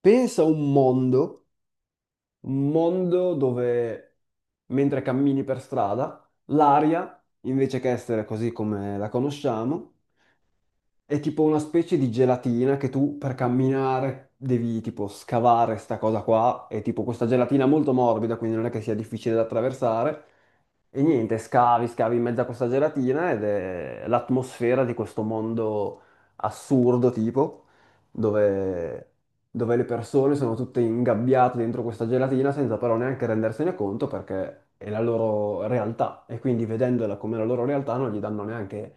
Pensa a un mondo dove mentre cammini per strada, l'aria, invece che essere così come la conosciamo, è tipo una specie di gelatina che tu per camminare devi tipo scavare sta cosa qua. È tipo questa gelatina molto morbida, quindi non è che sia difficile da attraversare. E niente, scavi, scavi in mezzo a questa gelatina ed è l'atmosfera di questo mondo assurdo tipo, dove, dove le persone sono tutte ingabbiate dentro questa gelatina senza però neanche rendersene conto perché è la loro realtà e quindi vedendola come la loro realtà non gli danno neanche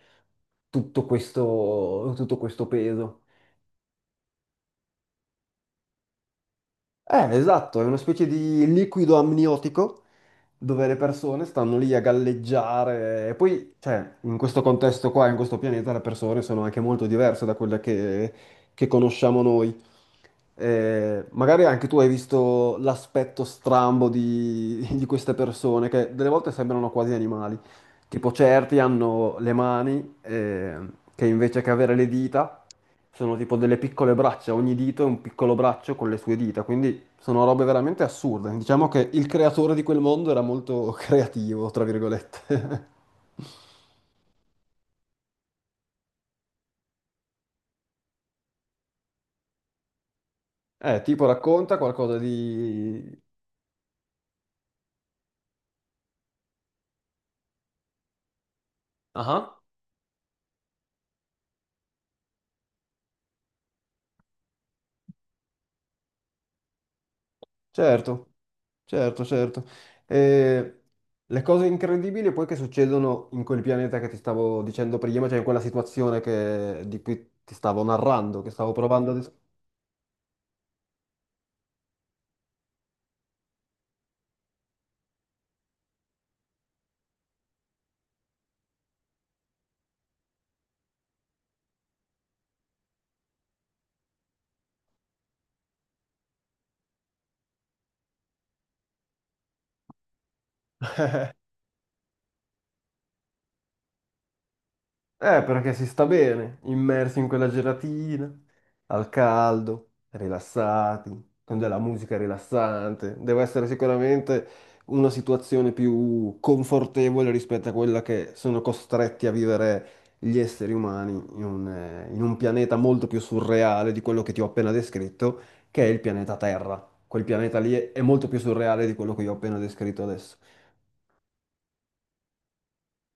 tutto questo peso. Esatto, è una specie di liquido amniotico dove le persone stanno lì a galleggiare e poi, cioè, in questo contesto qua, in questo pianeta, le persone sono anche molto diverse da quelle che conosciamo noi. Magari anche tu hai visto l'aspetto strambo di queste persone che delle volte sembrano quasi animali. Tipo certi hanno le mani che invece che avere le dita sono tipo delle piccole braccia, ogni dito è un piccolo braccio con le sue dita, quindi sono robe veramente assurde. Diciamo che il creatore di quel mondo era molto creativo, tra virgolette. Tipo racconta qualcosa di... Ah, certo, certo, certo. E le cose incredibili poi che succedono in quel pianeta che ti stavo dicendo prima, cioè in quella situazione che- di cui ti stavo narrando, che stavo provando a... perché si sta bene, immersi in quella gelatina, al caldo, rilassati, con della musica rilassante. Deve essere sicuramente una situazione più confortevole rispetto a quella che sono costretti a vivere gli esseri umani in un pianeta molto più surreale di quello che ti ho appena descritto, che è il pianeta Terra. Quel pianeta lì è molto più surreale di quello che io ho appena descritto adesso.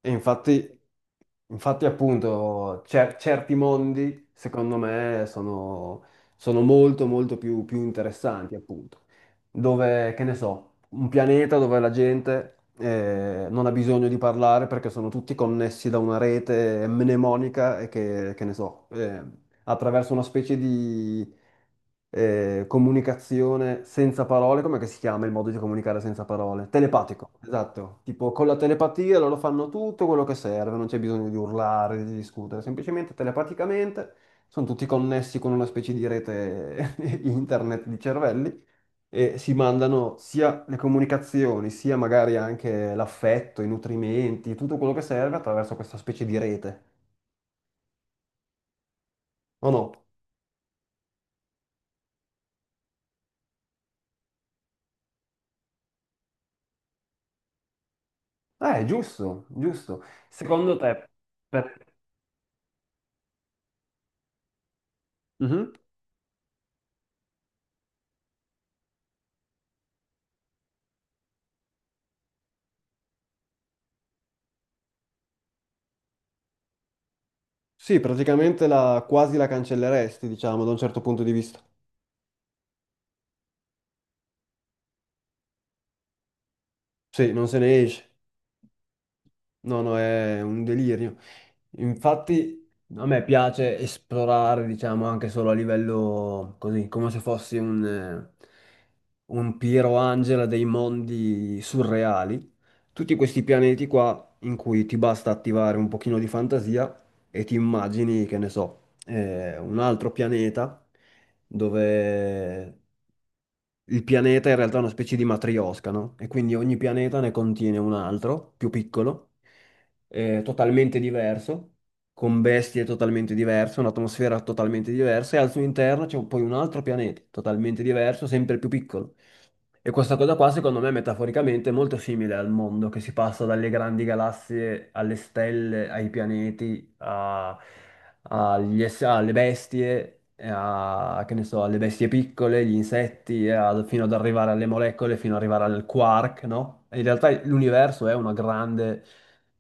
E infatti, infatti appunto, cer- certi mondi, secondo me, sono, sono molto, molto più, più interessanti, appunto. Dove, che ne so, un pianeta dove la gente non ha bisogno di parlare perché sono tutti connessi da una rete mnemonica e che ne so, attraverso una specie comunicazione senza parole, com'è che si chiama il modo di comunicare senza parole? Telepatico, esatto. Tipo con la telepatia loro fanno tutto quello che serve, non c'è bisogno di urlare, di discutere, semplicemente telepaticamente sono tutti connessi con una specie di rete internet di cervelli e si mandano sia le comunicazioni, sia magari anche l'affetto, i nutrimenti, tutto quello che serve attraverso questa specie di rete. O no? Giusto, giusto. Secondo te, per-... Mhm. Sì, praticamente la, quasi la cancelleresti, diciamo, da un certo punto di vista. Sì, non se ne esce. No, no, è un delirio. Infatti, a me piace esplorare, diciamo, anche solo a livello così, come se fossi un Piero Angela dei mondi surreali. Tutti questi pianeti qua in cui ti basta attivare un pochino di fantasia e ti immagini, che ne so. Un altro pianeta dove il pianeta in realtà è una specie di matriosca, no? E quindi ogni pianeta ne contiene un altro, più piccolo, totalmente diverso, con bestie totalmente diverse, un'atmosfera totalmente diversa, e al suo interno c'è poi un altro pianeta totalmente diverso, sempre più piccolo. E questa cosa qua, secondo me, metaforicamente è molto simile al mondo che si passa dalle grandi galassie alle stelle, ai pianeti, a- agli ess- alle bestie, e a- che ne so, alle bestie piccole, gli insetti, e a- fino ad arrivare alle molecole, fino ad arrivare al quark, no? E in realtà l'universo è una grande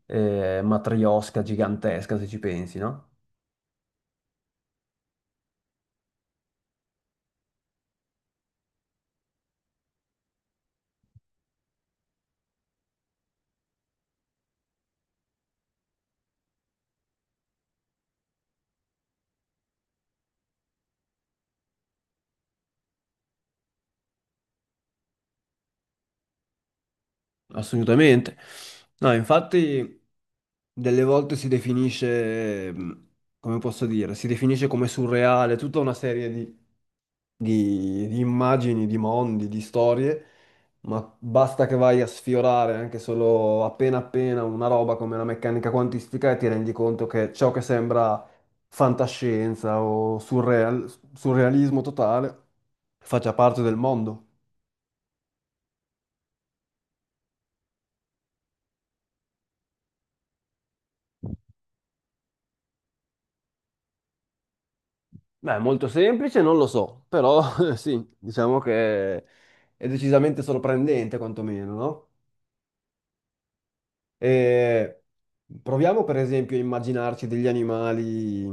matriosca gigantesca, se ci pensi, no? Assolutamente. No, infatti delle volte si definisce, come posso dire, si definisce come surreale tutta una serie di immagini, di mondi, di storie, ma basta che vai a sfiorare anche solo appena appena una roba come la meccanica quantistica e ti rendi conto che ciò che sembra fantascienza o surreal- surrealismo totale faccia parte del mondo. Beh, molto semplice, non lo so, però sì, diciamo che è decisamente sorprendente quantomeno, no? E proviamo per esempio a immaginarci degli animali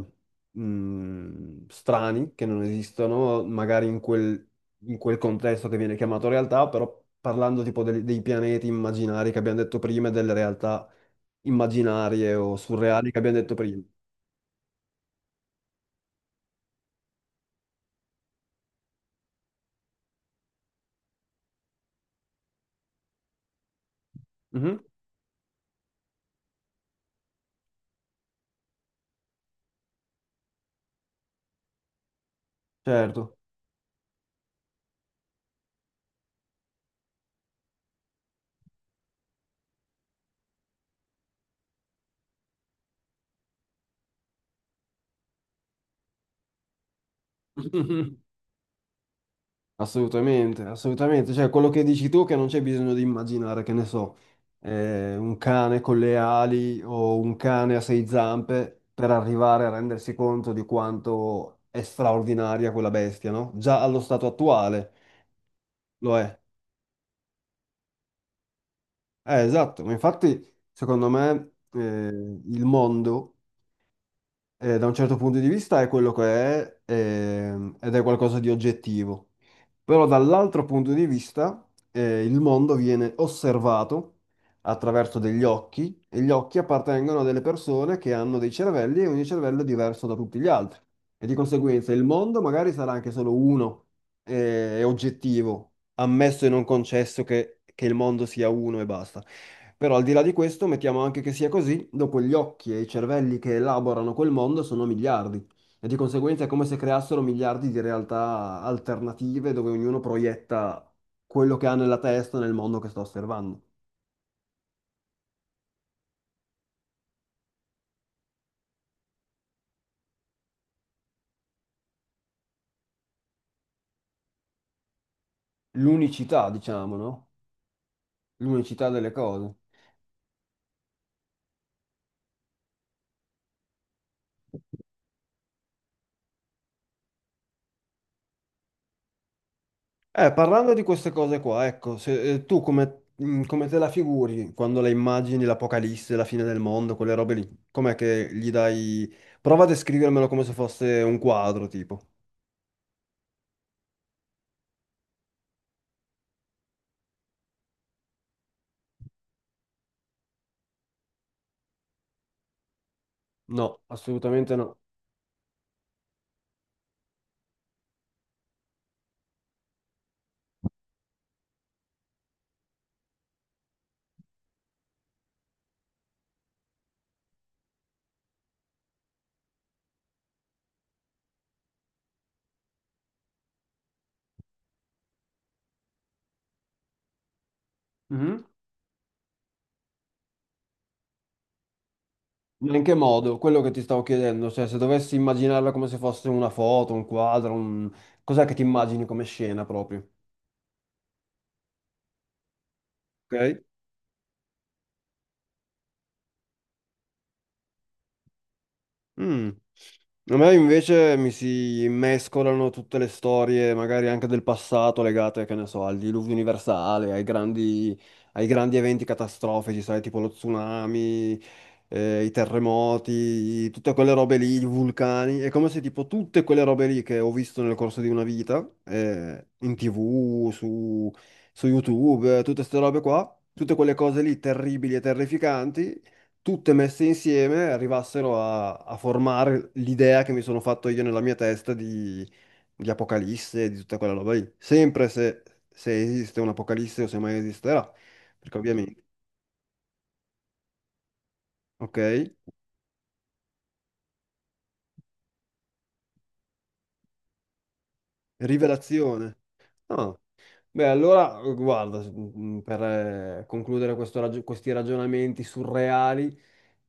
strani che non esistono, magari in quel contesto che viene chiamato realtà, però parlando tipo del- dei pianeti immaginari che abbiamo detto prima e delle realtà immaginarie o surreali che abbiamo detto prima. Mhm, certo. Assolutamente, assolutamente. Cioè, quello che dici tu che non c'è bisogno di immaginare, che ne so, un cane con le ali o un cane a sei zampe per arrivare a rendersi conto di quanto è straordinaria quella bestia, no? Già allo stato attuale lo è. Esatto, ma infatti, secondo me, il mondo da un certo punto di vista è quello che è, ed è qualcosa di oggettivo. Però dall'altro punto di vista, il mondo viene osservato attraverso degli occhi e gli occhi appartengono a delle persone che hanno dei cervelli e ogni cervello è diverso da tutti gli altri. E di conseguenza il mondo magari sarà anche solo uno, è oggettivo, ammesso e non concesso che il mondo sia uno e basta. Però al di là di questo, mettiamo anche che sia così, dopo gli occhi e i cervelli che elaborano quel mondo sono miliardi e di conseguenza è come se creassero miliardi di realtà alternative dove ognuno proietta quello che ha nella testa nel mondo che sta osservando. L'unicità, diciamo, no? L'unicità delle cose. Parlando di queste cose qua, ecco, se, tu come, come te la figuri quando le immagini l'apocalisse, la fine del mondo, quelle robe lì? Com'è che gli dai... Prova a descrivermelo come se fosse un quadro, tipo. No, assolutamente no. Mhm. Ma in che modo? Quello che ti stavo chiedendo, cioè se dovessi immaginarla come se fosse una foto, un quadro, un... cos'è che ti immagini come scena proprio? Ok? Mm. A me invece mi si mescolano tutte le storie, magari anche del passato, legate, che ne so, al diluvio universale, ai grandi eventi catastrofici, sai, tipo lo tsunami, i terremoti, tutte quelle robe lì, i vulcani. È come se tipo tutte quelle robe lì che ho visto nel corso di una vita, in TV, su, su YouTube, tutte queste robe qua, tutte quelle cose lì terribili e terrificanti tutte messe insieme arrivassero a, a formare l'idea che mi sono fatto io nella mia testa di Apocalisse e di tutta quella roba lì. Sempre se, se esiste un Apocalisse o se mai esisterà, perché ovviamente, ok? Rivelazione. Ah, beh, allora, guarda, s- per concludere questo ragio- questi ragionamenti surreali,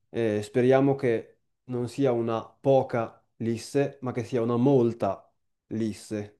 speriamo che non sia una poca lisse, ma che sia una molta lisse.